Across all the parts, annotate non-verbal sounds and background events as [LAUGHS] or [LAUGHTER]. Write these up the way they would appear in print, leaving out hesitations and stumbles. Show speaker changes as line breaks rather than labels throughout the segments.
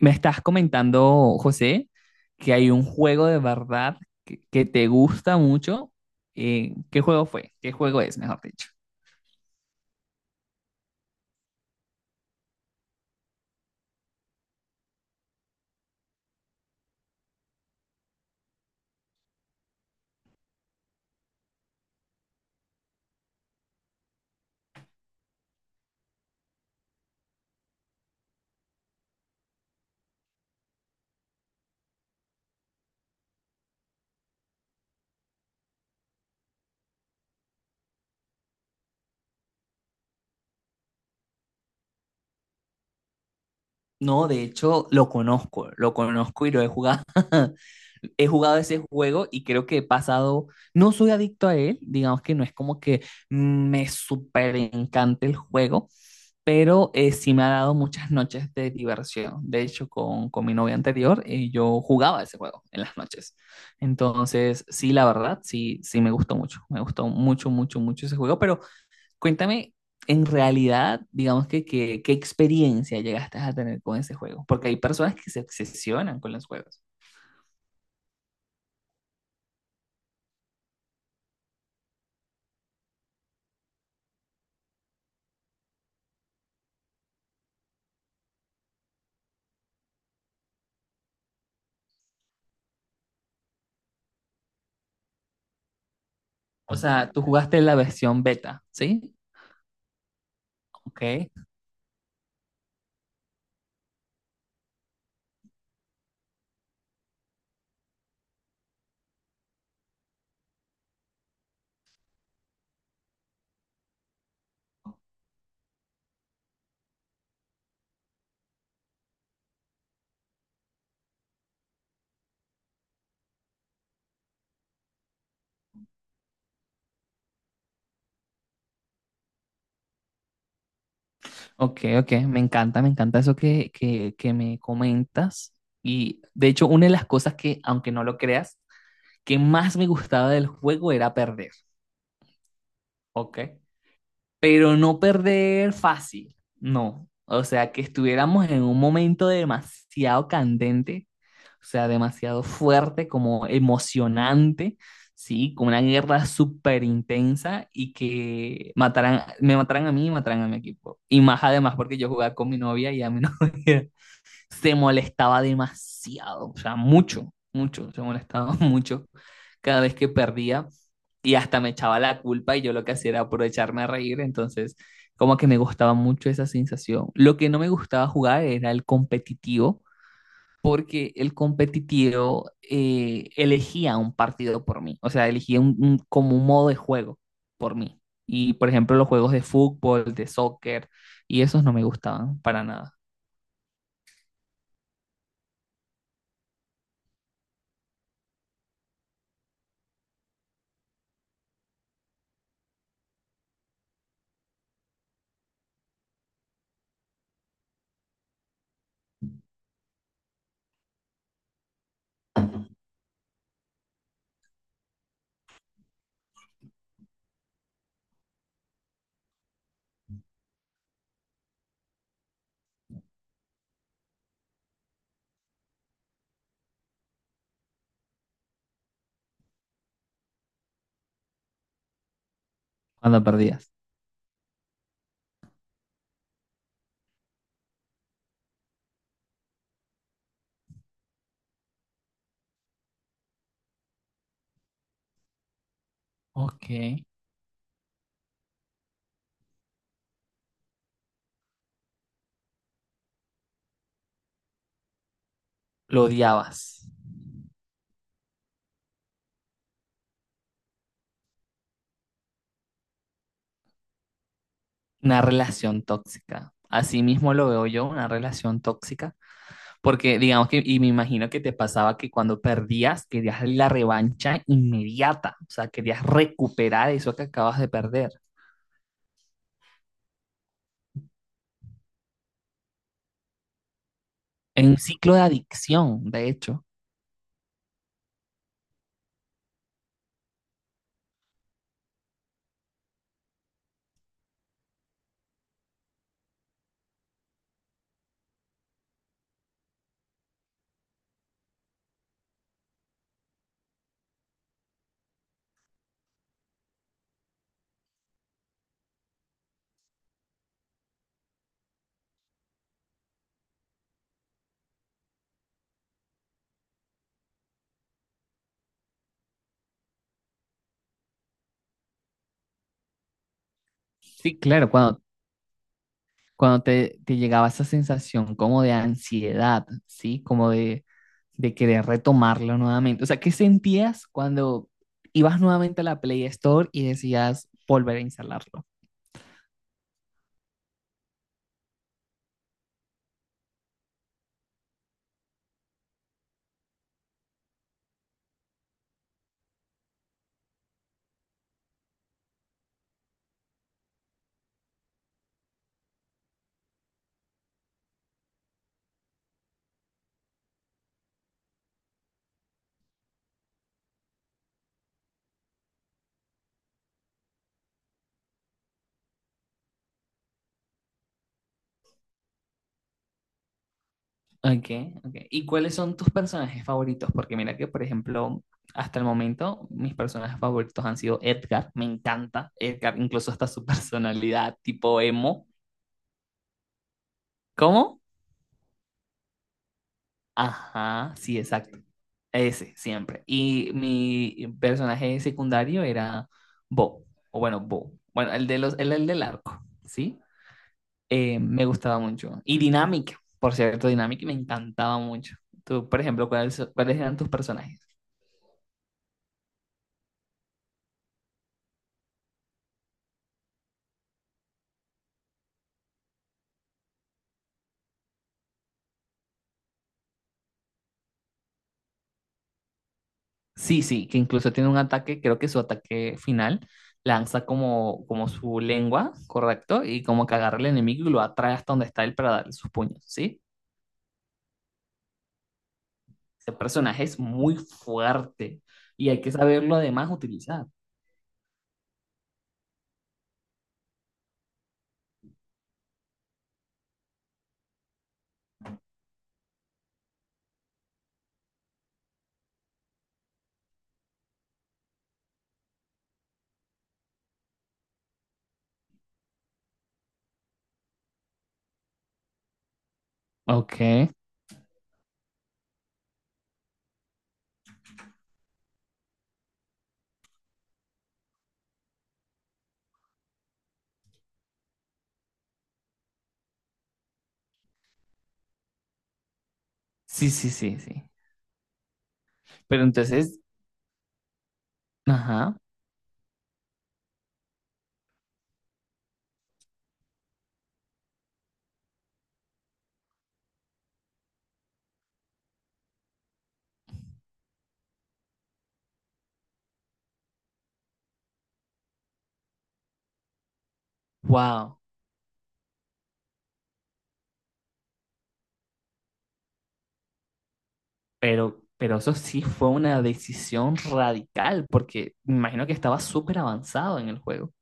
Me estás comentando, José, que hay un juego de verdad que te gusta mucho. ¿Qué juego fue? ¿Qué juego es, mejor dicho? No, de hecho, lo conozco y lo he jugado. [LAUGHS] He jugado ese juego y creo que he pasado, no soy adicto a él, digamos que no es como que me súper encanta el juego, pero sí me ha dado muchas noches de diversión. De hecho, con mi novia anterior, yo jugaba ese juego en las noches. Entonces, sí, la verdad, sí me gustó mucho, mucho, mucho ese juego, pero cuéntame, en realidad, digamos qué experiencia llegaste a tener con ese juego, porque hay personas que se obsesionan con los juegos. O sea, tú jugaste la versión beta, ¿sí? Ok, ok, ok, me encanta eso que me comentas. Y de hecho, una de las cosas que, aunque no lo creas, que más me gustaba del juego era perder, ¿ok? Pero no perder fácil, no. O sea, que estuviéramos en un momento demasiado candente, o sea, demasiado fuerte, como emocionante, ¿sí? Como una guerra súper intensa y que mataran, me mataran a mí y mataran a mi equipo. Y más además porque yo jugaba con mi novia y a mi novia [LAUGHS] se molestaba demasiado, o sea, mucho, mucho, se molestaba [LAUGHS] mucho cada vez que perdía y hasta me echaba la culpa y yo lo que hacía era aprovecharme a reír, entonces como que me gustaba mucho esa sensación. Lo que no me gustaba jugar era el competitivo, porque el competitivo elegía un partido por mí, o sea, elegía como un modo de juego por mí. Y por ejemplo, los juegos de fútbol, de soccer, y esos no me gustaban para nada. Cuando perdías. Ok, lo odiabas. Una relación tóxica. Así mismo lo veo yo, una relación tóxica. Porque digamos que, y me imagino que te pasaba que cuando perdías, querías la revancha inmediata, o sea, querías recuperar eso que acabas de perder. En un ciclo de adicción, de hecho. Sí, claro, cuando, cuando te llegaba esa sensación como de ansiedad, ¿sí? Como de querer retomarlo nuevamente. O sea, ¿qué sentías cuando ibas nuevamente a la Play Store y decías volver a instalarlo? Okay, okay. ¿Y cuáles son tus personajes favoritos? Porque mira que, por ejemplo, hasta el momento mis personajes favoritos han sido Edgar, me encanta Edgar, incluso hasta su [LAUGHS] personalidad tipo emo. ¿Cómo? Ajá, sí, exacto. Ese, siempre. Y mi personaje secundario era Bo, o bueno, Bo. Bueno, el de los, el del arco, ¿sí? Me gustaba mucho. Y Dynamic, por cierto, Dynamic me encantaba mucho. Tú, por ejemplo, ¿cuáles eran tus personajes? Sí, sí, que incluso tiene un ataque, creo que su ataque final lanza como, como su lengua, ¿correcto? Y como que agarra al enemigo y lo atrae hasta donde está él para darle sus puños, ¿sí? Ese personaje es muy fuerte y hay que saberlo además utilizar. Ok, sí, sí, sí, sí. Pero entonces, ajá, wow, pero eso sí fue una decisión radical porque me imagino que estaba súper avanzado en el juego.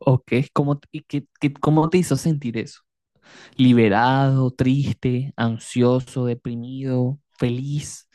Ok, ¿cómo, y qué, cómo te hizo sentir eso? Liberado, triste, ansioso, deprimido, feliz.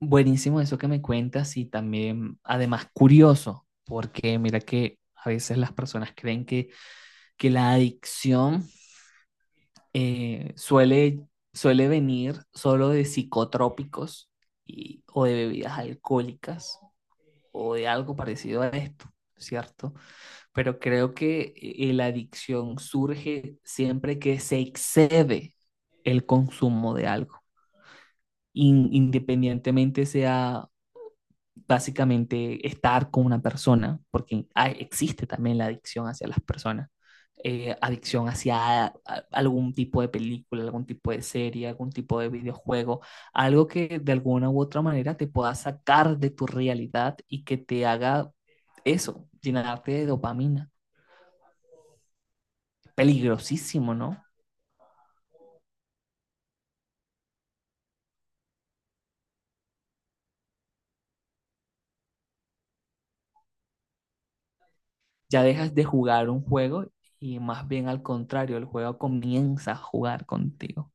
Buenísimo eso que me cuentas y también, además, curioso, porque mira que a veces las personas creen que la adicción suele, suele venir solo de psicotrópicos y, o de bebidas alcohólicas o de algo parecido a esto, ¿cierto? Pero creo que la adicción surge siempre que se excede el consumo de algo, in- independientemente sea básicamente estar con una persona, porque hay- existe también la adicción hacia las personas, adicción hacia a- algún tipo de película, algún tipo de serie, algún tipo de videojuego, algo que de alguna u otra manera te pueda sacar de tu realidad y que te haga eso, llenarte de dopamina. Peligrosísimo, ¿no? Ya dejas de jugar un juego y más bien al contrario, el juego comienza a jugar contigo.